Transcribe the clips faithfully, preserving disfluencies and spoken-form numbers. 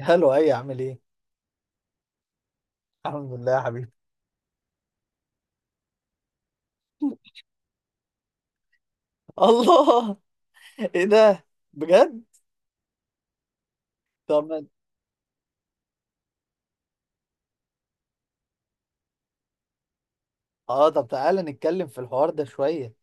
هلو، اي عامل ايه؟ الحمد لله يا حبيبي. الله! ايه ده؟ بجد؟ طب ما- اه طب تعالى نتكلم في الحوار ده شوية.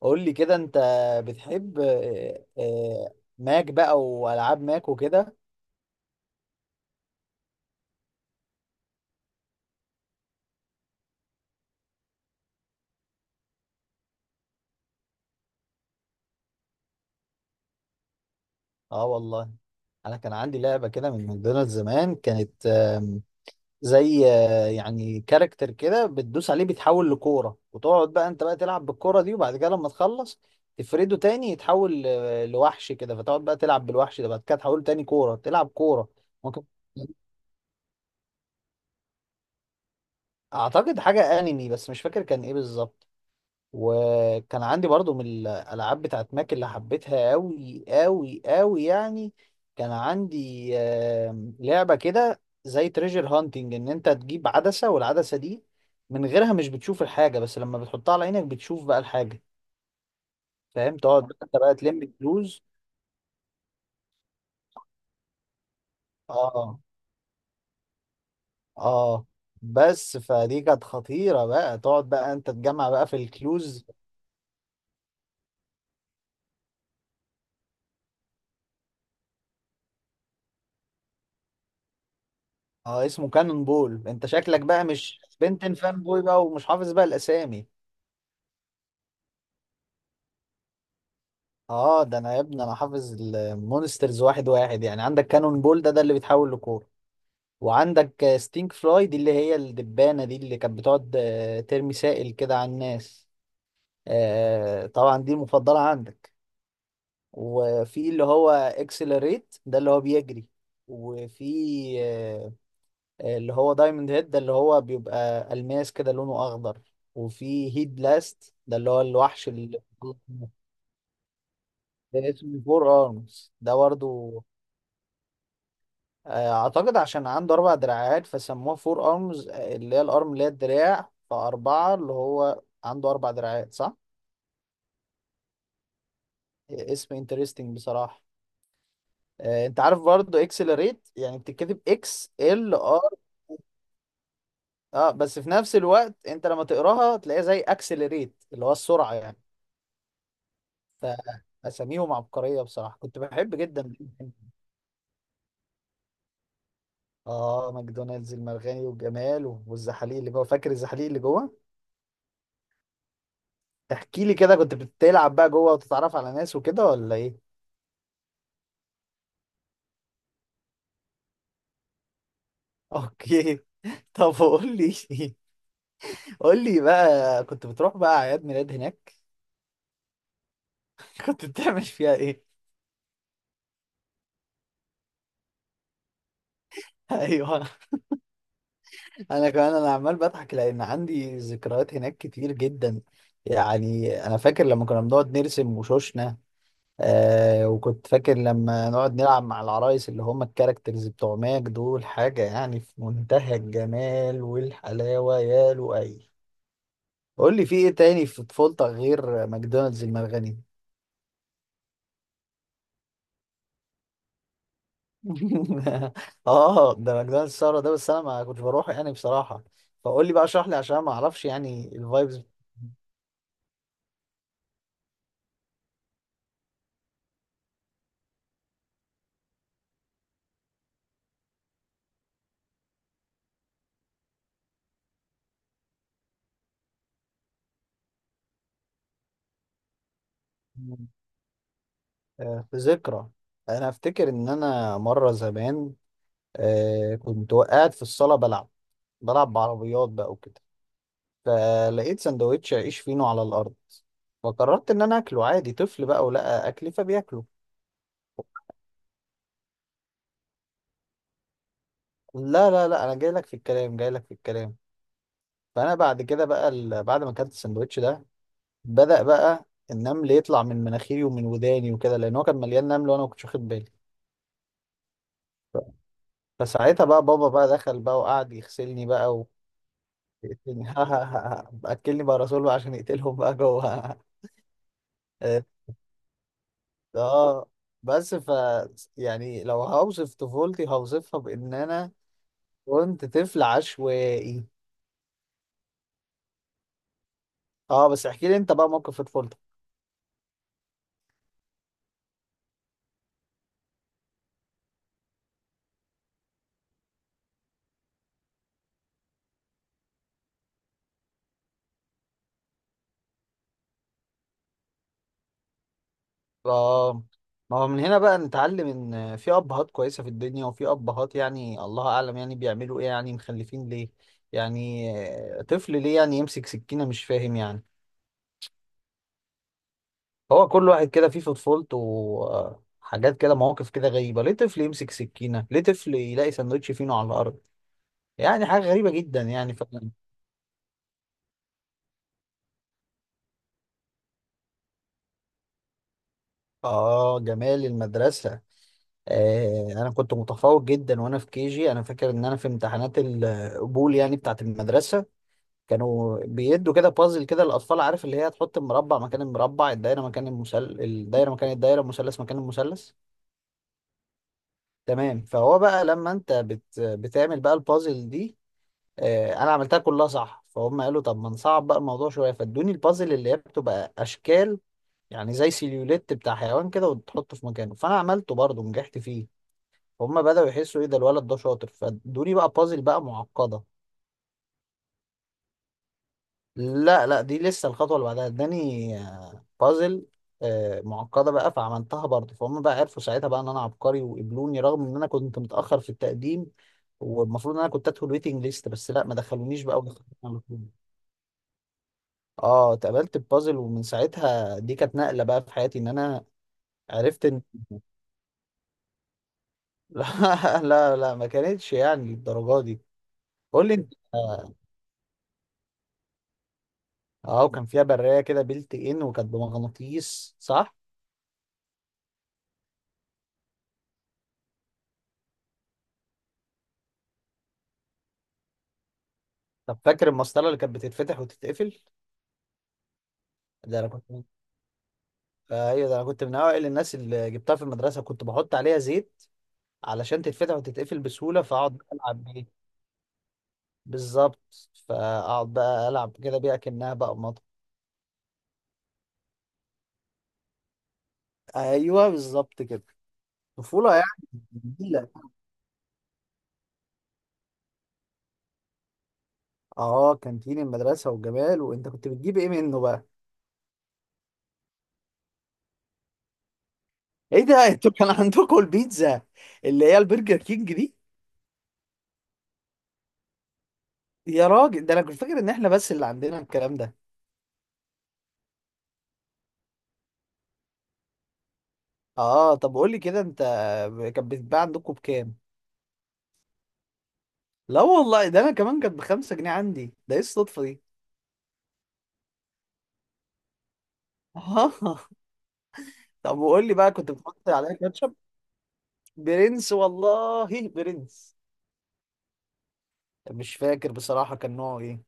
قول لي كده انت بتحب، آه، آه، ماك بقى والعاب ماك وكده. اه والله، انا كان عندي لعبة كده من ماكدونالدز زمان، كانت زي آه، يعني كاركتر كده بتدوس عليه بيتحول لكورة، وتقعد بقى انت بقى تلعب بالكورة دي، وبعد كده لما تخلص تفرده تاني يتحول ل- لوحش كده، فتقعد بقى تلعب بالوحش ده، بعد كده تحوله تاني كورة، تلعب كورة. ممكن. اعتقد حاجة انمي، بس مش فاكر كان ايه بالظبط. وكان عندي برضو من الالعاب بتاعت ماك اللي حبيتها قوي قوي قوي يعني. كان عندي آم، لعبة كده زي تريجر هانتنج، ان انت تجيب عدسة، والعدسة دي من غيرها مش بتشوف الحاجة، بس لما بتحطها على عينك بتشوف بقى الحاجة. فاهم، تقعد بقى انت بقى تلم الكلوز. اه، اه. بس فدي كانت خطيرة، بقى تقعد بقى انت تجمع بقى في الكلوز. اه، اسمه كانون بول. انت شكلك بقى مش بنتن فان بوي بقى، ومش حافظ بقى الاسامي. اه ده انا يا ابني، انا حافظ المونسترز واحد واحد، يعني عندك كانون بول ده ده اللي بيتحول لكورة. وعندك ستينك فلاي دي، اللي هي الدبانة دي، اللي كانت بتقعد آه، ترمي سائل كده على الناس. آه، طبعا دي المفضلة عندك. وفي اللي هو اكسلريت ده اللي هو بيجري. وفي آه، آه، اللي هو دايموند هيد ده اللي هو بيبقى ألماس كده لونه أخضر. وفي هيد بلاست ده اللي هو الوحش، اللي اسمه فور ارمز ده برضه. اعتقد عشان عنده اربع دراعات، فسموه فور ارمز، اللي هي الارم اللي هي الدراع فاربعه، اللي هو عنده اربع دراعات، صح. اسم انترستنج بصراحه. آه، انت عارف برضه، اكسلريت يعني بتتكتب اكس ال ار. اه، بس في نفس الوقت انت لما تقراها تلاقيها زي اكسلريت، اللي هو السرعه يعني. فاساميهم عبقريه بصراحه، كنت بحب جدا. اه، ماكدونالدز المرغني والجمال والزحاليق اللي جوه، فاكر الزحاليق اللي جوه؟ احكي لي كده، كنت بتلعب بقى جوه وتتعرف على ناس وكده، ولا ايه؟ اوكي. طب قول لي. قول لي بقى، كنت بتروح بقى اعياد ميلاد هناك؟ كنت بتعمل فيها ايه؟ ايوه. انا كمان انا عمال بضحك لان عندي ذكريات هناك كتير جدا. يعني انا فاكر لما كنا بنقعد نرسم وشوشنا. آه وكنت فاكر لما نقعد نلعب مع العرايس اللي هم الكاركترز بتوع ماك دول، حاجة يعني في منتهى الجمال والحلاوة يا لؤي. قول لي في ايه تاني في طفولتك غير ماكدونالدز المرغني؟ اه، ده ماكدونالدز الثوره ده، بس انا ما كنتش بروح يعني بصراحه. فقول لي بقى، اشرح لي عشان ما اعرفش يعني الفايبز. آه، في ذكرى. انا افتكر ان انا مره زمان، آه، كنت وقعت في الصاله بلعب بلعب بعربيات بقى وكده. فلقيت سندوتش عيش فينو على الارض. فقررت ان انا اكله، عادي، طفل بقى ولقى اكلي فبياكله. لا لا لا، انا جاي لك في الكلام، جاي لك في الكلام. فانا بعد كده بقى، ال- بعد ما اكلت السندوتش ده، بدأ بقى النمل يطلع من مناخيري ومن وداني وكده، لان هو كان مليان نمل وانا ما كنتش واخد بالي. ف- فساعتها بقى بابا بقى دخل بقى وقعد يغسلني بقى. ويقتلني. ها ها ها. ها. اكلني بقى رسول بقى عشان يقتلهم بقى جوه. اه. آه. بس، ف يعني لو هوصف طفولتي هوصفها بان انا كنت طفل عشوائي. اه، بس احكي لي انت بقى موقف في طفولتك. اه، ما هو من هنا بقى نتعلم ان في ابهات كويسه في الدنيا، وفي ابهات يعني الله اعلم يعني بيعملوا ايه، يعني مخلفين ليه. يعني، آه، طفل ليه يعني يمسك سكينه، مش فاهم يعني. هو كل واحد كده فيه في طفولته آه، حاجات كده، مواقف كده غريبه، ليه طفل يمسك سكينه، ليه طفل يلاقي سندوتش فينو على الارض. يعني حاجه غريبه جدا يعني فعلا. اه، جمال المدرسه. آه انا كنت متفوق جدا وانا في كيجي، انا فاكر ان انا في امتحانات القبول يعني بتاعت المدرسه، كانوا بيدوا كده بازل كده للاطفال، عارف اللي هي تحط المربع مكان المربع، الدايره مكان المثلث، الدايره مكان الدايره، المثلث مكان المثلث. تمام، فهو بقى لما انت بت... بتعمل بقى البازل دي، آه، انا عملتها كلها صح، فهم قالوا طب ما نصعب بقى الموضوع شويه، فادوني البازل اللي هي بتبقى اشكال، يعني زي سيليوليت بتاع حيوان كده، وتحطه في مكانه، فانا عملته برضه ونجحت فيه. فهم بدأوا يحسوا ايه ده الولد ده شاطر، فادوني بقى بازل بقى معقده. لا لا، دي لسه الخطوة اللي بعدها، اداني آه، بازل، آه، معقدة بقى، فعملتها برضه، فهم بقى عرفوا ساعتها بقى ان انا عبقري وقبلوني، رغم ان انا كنت متأخر في التقديم. والمفروض ان انا كنت ادخل ويتنج ليست، بس لا، ما دخلونيش بقى ودخلت على طول. اه، اتقبلت ببازل، ومن ساعتها دي كانت نقلة بقى في حياتي ان انا عرفت ان. لا لا لا، ما كانتش يعني الدرجة دي. قول لي انت، اه. آه، وكان فيها برية كده بيلت ان، وكانت بمغناطيس، صح؟ طب فاكر المسطرة اللي كانت بتتفتح وتتقفل؟ ده انا كنت. ايوه، ده انا كنت من اوائل الناس اللي جبتها في المدرسه، كنت بحط عليها زيت علشان تتفتح وتتقفل بسهوله، فاقعد العب بيه. بالظبط، فاقعد بقى العب كده بيها كانها بقى مطر. ايوه بالظبط كده. طفوله يعني جميله. اه، كانتين المدرسه والجمال، وانت كنت بتجيب ايه منه بقى؟ ايه ده، انتوا كان عندكم البيتزا، اللي هي البرجر كينج دي؟ يا راجل، ده انا كنت فاكر ان احنا بس اللي عندنا الكلام ده. اه طب قول لي كده انت، كانت بتتباع عندكم بكام؟ لا والله، ده انا كمان كانت بخمسة جنيه عندي، ده ايه الصدفة دي. اه. طب وقول لي بقى، كنت بتحط عليها كاتشب؟ برنس والله برنس. مش فاكر بصراحة كان نوعه ايه.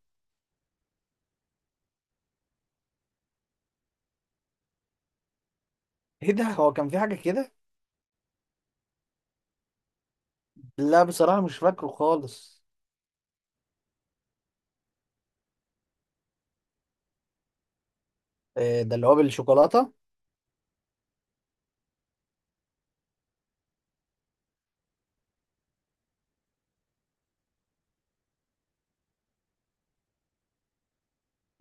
ايه ده، هو كان في حاجة كده؟ لا بصراحة مش فاكره خالص. إيه ده اللي هو بالشوكولاتة؟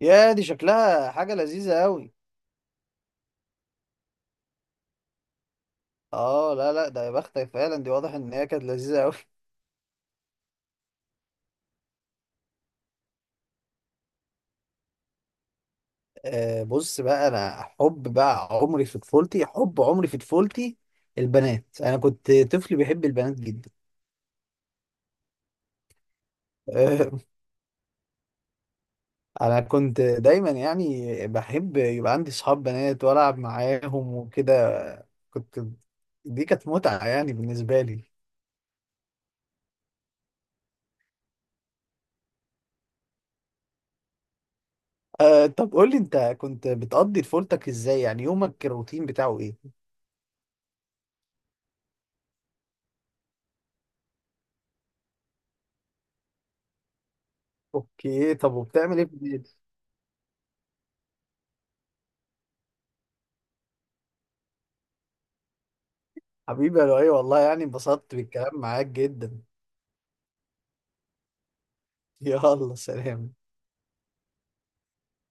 يا دي، شكلها حاجة لذيذة قوي. اه لا لا، ده يا بختك فعلا، دي واضح ان هي كانت لذيذة قوي. آه بص بقى، انا حب بقى عمري في طفولتي، حب عمري في طفولتي البنات، انا كنت طفل بيحب البنات جدا. آه، انا كنت دايما يعني بحب يبقى عندي صحاب بنات والعب معاهم وكده، كنت دي كانت متعة يعني بالنسبة لي. أه، طب قول لي انت، كنت بتقضي طفولتك ازاي؟ يعني يومك الروتين بتاعه ايه؟ اوكي، طب وبتعمل ايه بالليل؟ حبيبي يا لؤي، والله يعني انبسطت بالكلام معاك جدا. يلا سلام.